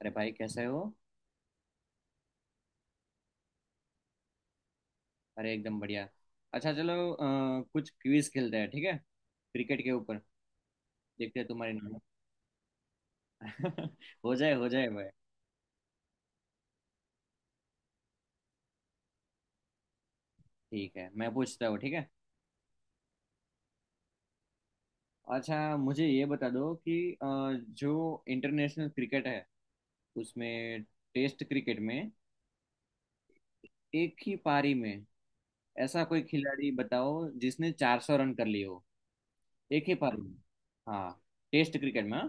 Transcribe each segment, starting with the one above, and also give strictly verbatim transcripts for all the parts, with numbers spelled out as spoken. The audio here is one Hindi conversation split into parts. अरे भाई कैसे हो। अरे एकदम बढ़िया। अच्छा चलो, अ, कुछ क्विज खेलते हैं, ठीक है? क्रिकेट के ऊपर। देखते हैं तुम्हारी नॉलेज। हो जाए हो जाए भाई। ठीक है, मैं पूछता हूँ, ठीक है। अच्छा मुझे ये बता दो कि अ, जो इंटरनेशनल क्रिकेट है, उसमें टेस्ट क्रिकेट में एक ही पारी में ऐसा कोई खिलाड़ी बताओ जिसने चार सौ रन कर लिए हो, एक ही पारी में। हाँ टेस्ट क्रिकेट में। हाँ,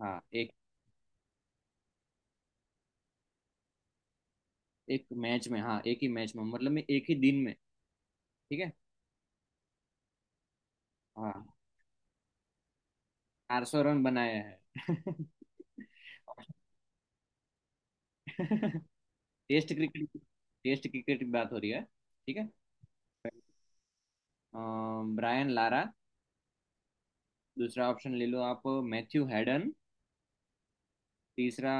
हाँ, एक। एक मैच में, हाँ, एक ही मैच में मतलब में एक ही दिन में। ठीक है। हाँ, चार सौ रन बनाए हैं। Test cricket. टेस्ट क्रिकेट की बात हो रही है, ठीक है। Brian Lara. दूसरा ऑप्शन ले लो आप, मैथ्यू हैडन। तीसरा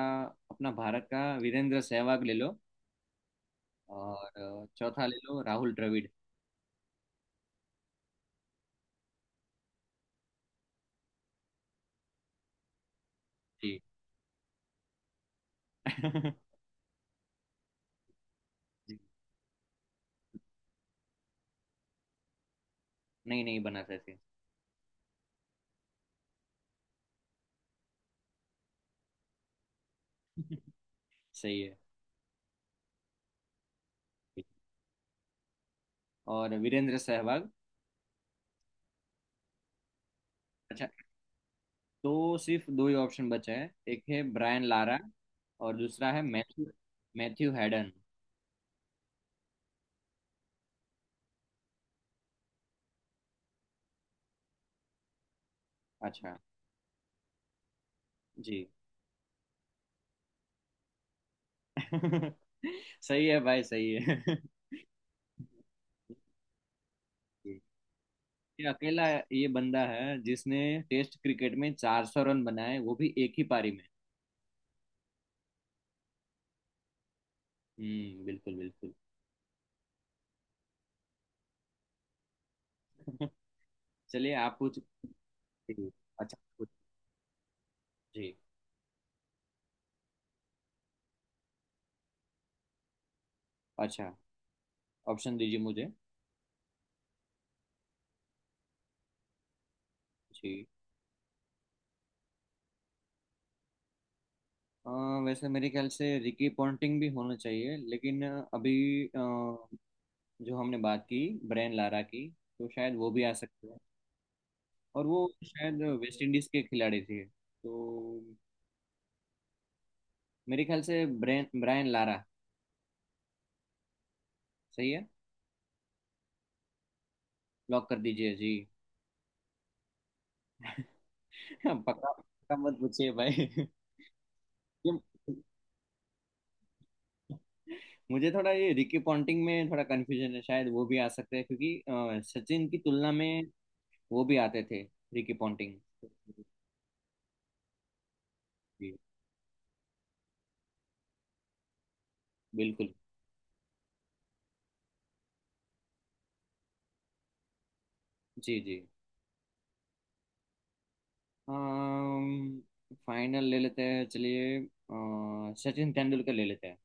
अपना भारत का वीरेंद्र सहवाग ले लो। और अ, चौथा ले लो राहुल द्रविड़। जी। जी। नहीं, नहीं बना सकते। सही है। और वीरेंद्र सहवाग। अच्छा तो सिर्फ दो ही ऑप्शन बचे हैं, एक है ब्रायन लारा और दूसरा है मैथ्यू। Matthew Hayden. अच्छा। जी। सही है भाई, सही है। ये अकेला ये बंदा है जिसने टेस्ट क्रिकेट में चार सौ रन बनाए, वो भी एक ही पारी में। हम्म, बिल्कुल बिल्कुल। चलिए आप पूछ। जी, अच्छा पूछ- जी। अच्छा ऑप्शन दीजिए मुझे। जी, अ, वैसे मेरे ख्याल से रिकी पॉन्टिंग भी होना चाहिए, लेकिन अ, अभी अ, जो हमने बात की ब्रेन लारा की, तो शायद वो भी आ सकते हैं, और वो शायद वेस्ट इंडीज के खिलाड़ी थे, तो मेरे ख्याल से ब्रेन ब्रायन लारा। सही है, लॉक कर दीजिए जी। पक्का पक्का मत पूछिए भाई। ये- मुझे थोड़ा ये रिकी पॉन्टिंग में थोड़ा कंफ्यूजन है, शायद वो भी आ सकते हैं, क्योंकि अ, सचिन की तुलना में वो भी आते थे, रिकी पॉन्टिंग। जी, बिल्कुल। जी जी। फाइनल ले लेते हैं, चलिए, अ, सचिन तेंदुलकर ले लेते हैं।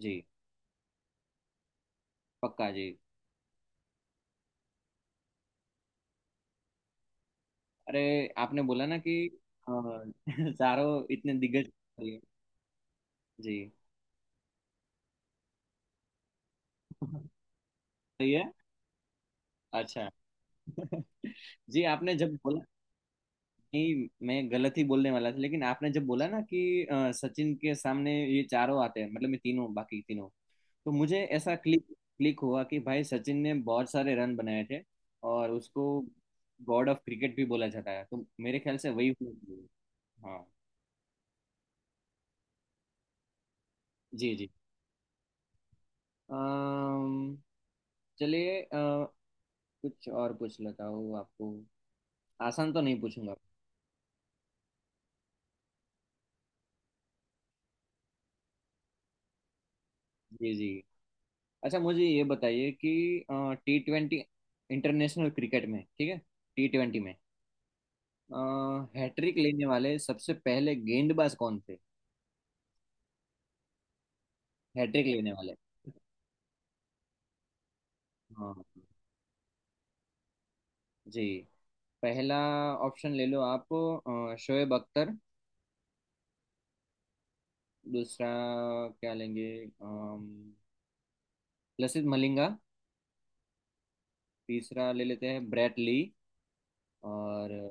जी। पक्का जी। अरे आपने बोला ना कि अ, चारों इतने दिग्गज। जी। सही है। अच्छा। जी आपने जब बोला कि मैं गलत ही बोलने वाला था, लेकिन आपने जब बोला ना कि अ, सचिन के सामने ये चारों आते हैं, मतलब मैं तीनों, बाकी तीनों, तो मुझे ऐसा क्लिक क्लिक हुआ कि भाई सचिन ने बहुत सारे रन बनाए थे, और उसको गॉड ऑफ क्रिकेट भी बोला जाता है, तो मेरे ख्याल से वही होना चाहिए। हाँ। जी जी। अम्म, चलिए, अ, कुछ और पूछ लेता हूँ आपको। आसान तो नहीं पूछूंगा। जी जी। अच्छा मुझे ये बताइए कि टी ट्वेंटी इंटरनेशनल क्रिकेट में, ठीक है, टी ट्वेंटी में हैट्रिक लेने वाले सबसे पहले गेंदबाज कौन थे? हैट्रिक लेने वाले। हाँ। जी। पहला ऑप्शन ले लो आप, अ, शोएब अख्तर। दूसरा क्या लेंगे, अम, लसित मलिंगा। तीसरा ले लेते हैं ब्रेट ली। और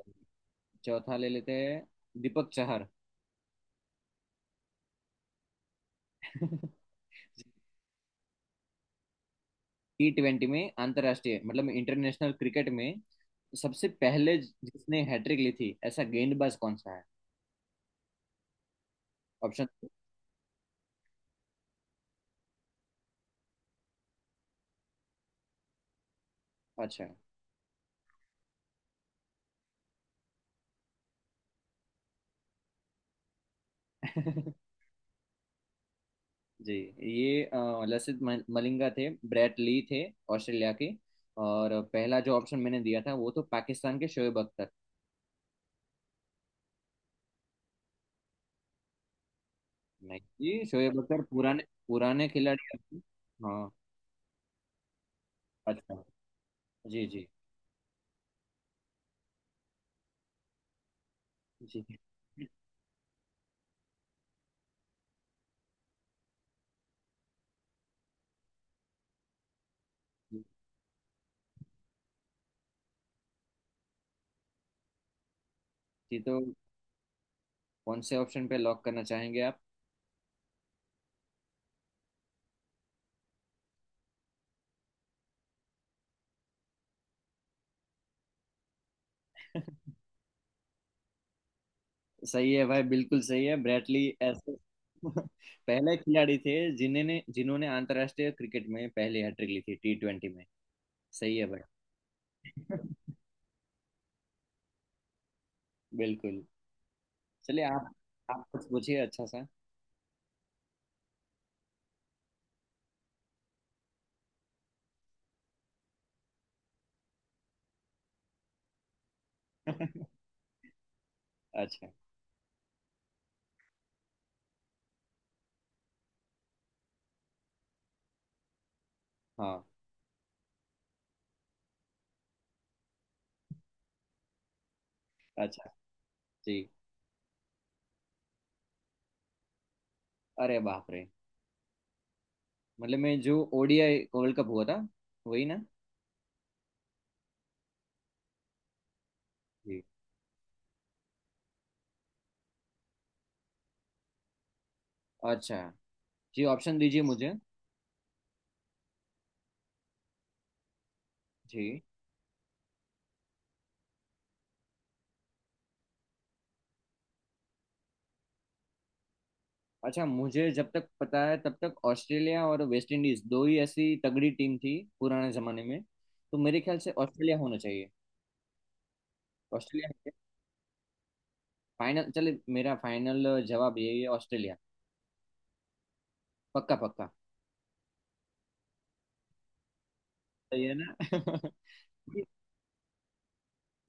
चौथा ले लेते हैं दीपक चहर। टी ट्वेंटी में अंतर्राष्ट्रीय मतलब इंटरनेशनल क्रिकेट में सबसे पहले जिसने हैट्रिक ली थी, ऐसा गेंदबाज कौन सा है? ऑप्शन। अच्छा। जी, ये अ, लसित मल- मलिंगा थे, ब्रेट ली थे ऑस्ट्रेलिया के, और पहला जो ऑप्शन मैंने दिया था वो तो पाकिस्तान के शोएब अख्तर। नहीं जी, शोएब अख्तर पुराने पुराने खिलाड़ी हैं। हाँ। अच्छा। जी जी जी। जी। जी, तो कौन से ऑप्शन पे लॉक करना चाहेंगे आप? सही है भाई, बिल्कुल सही है, ब्रेटली ऐसे पहले खिलाड़ी थे जिन्होंने जिन्होंने अंतर्राष्ट्रीय क्रिकेट में पहली हैट्रिक ली थी टी ट्वेंटी में। सही है भाई। बिल्कुल। चलिए आप आप कुछ पूछिए अच्छा सा। अच्छा। हाँ। अच्छा। जी। अरे बाप रे। मतलब मैं, जो O D I world cup हुआ था, वही ना? जी। अच्छा। जी ऑप्शन दीजिए मुझे। जी। अच्छा मुझे जब तक पता है तब तक ऑस्ट्रेलिया और वेस्ट इंडीज दो ही ऐसी तगड़ी टीम थी, पुराने जमाने में, तो मेरे ख्याल से ऑस्ट्रेलिया होना चाहिए। ऑस्ट्रेलिया। फाइनल चले, मेरा फाइनल जवाब यही है, ऑस्ट्रेलिया। पक्का पक्का। सही है ना?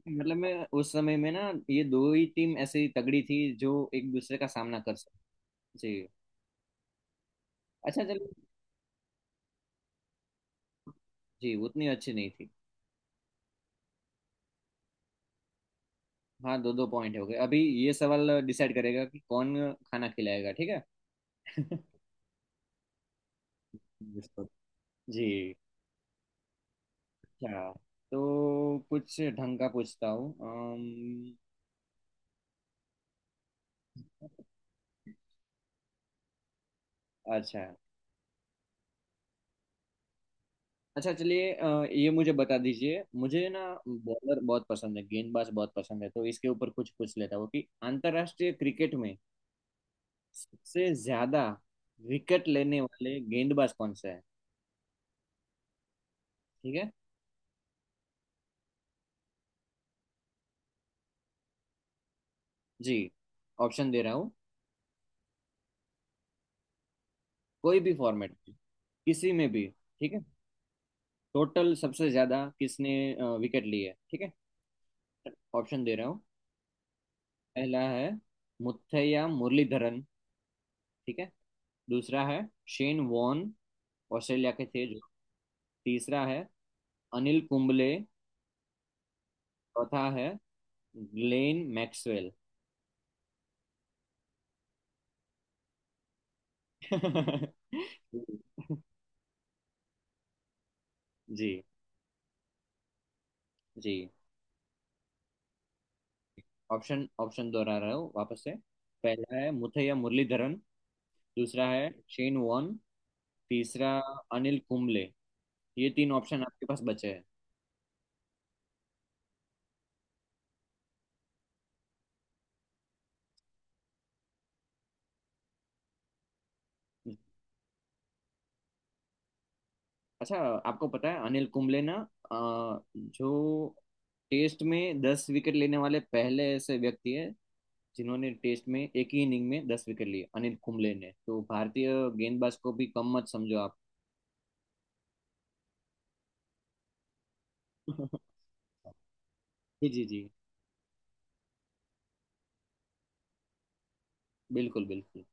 मतलब मैं उस समय में ना, ये दो ही टीम ऐसी तगड़ी थी जो एक दूसरे का सामना कर सकती। जी। अच्छा चलो। जी उतनी अच्छी नहीं थी। हाँ दो दो पॉइंट हो गए अभी। ये सवाल डिसाइड करेगा कि कौन खाना खिलाएगा, ठीक है? जी। अच्छा तो कुछ ढंग का पूछता हूँ, अम, अच्छा। अच्छा चलिए, अ, ये मुझे बता दीजिए, मुझे ना बॉलर बहुत पसंद है, गेंदबाज बहुत पसंद है, तो इसके ऊपर कुछ पूछ लेता हूँ कि अंतर्राष्ट्रीय क्रिकेट में सबसे ज्यादा विकेट लेने वाले गेंदबाज कौन सा है, ठीक है? जी ऑप्शन दे रहा हूँ। कोई भी फॉर्मेट में, किसी में भी, ठीक है। टोटल सबसे ज्यादा किसने विकेट लिए है। ठीक है, ऑप्शन दे रहा हूँ। पहला है मुथैया मुरलीधरन, ठीक है। दूसरा है शेन वॉन, ऑस्ट्रेलिया के थे जो। तीसरा है अनिल कुंबले। चौथा है ग्लेन मैक्सवेल। जी। जी ऑप्शन ऑप्शन दोहरा रहा हूँ वापस से। पहला है मुथैया मुरलीधरन। दूसरा है शेन वॉन। तीसरा अनिल कुंबले। ये तीन ऑप्शन आपके पास बचे हैं। अच्छा आपको पता है अनिल कुंबले ना अ, जो टेस्ट में दस विकेट लेने वाले पहले ऐसे व्यक्ति है, जिन्होंने टेस्ट में एक ही इनिंग में दस विकेट लिए, अनिल कुंबले ने। तो भारतीय गेंदबाज को भी कम मत समझो आप। जी जी जी। बिल्कुल बिल्कुल।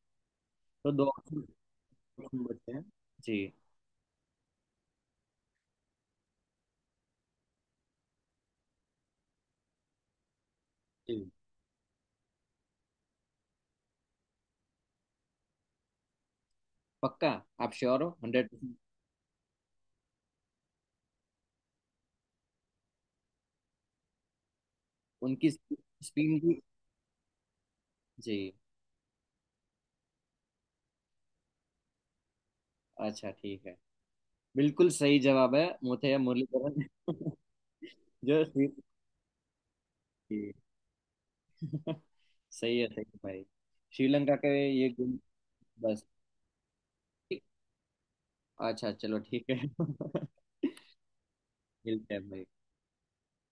तो दो ऑप्शन बचते हैं। जी जी। पक्का? आप श्योर हो हंड्रेड परसेंट? उनकी स्पिन भी। जी। अच्छा ठीक है, बिल्कुल सही जवाब है, मुथैया मुरलीधरन। जो श्री, जी। सही है, सही है भाई, श्रीलंका के। ये गेम बस। ठीक। अच्छा चलो ठीक है। मिलते हैं भाई।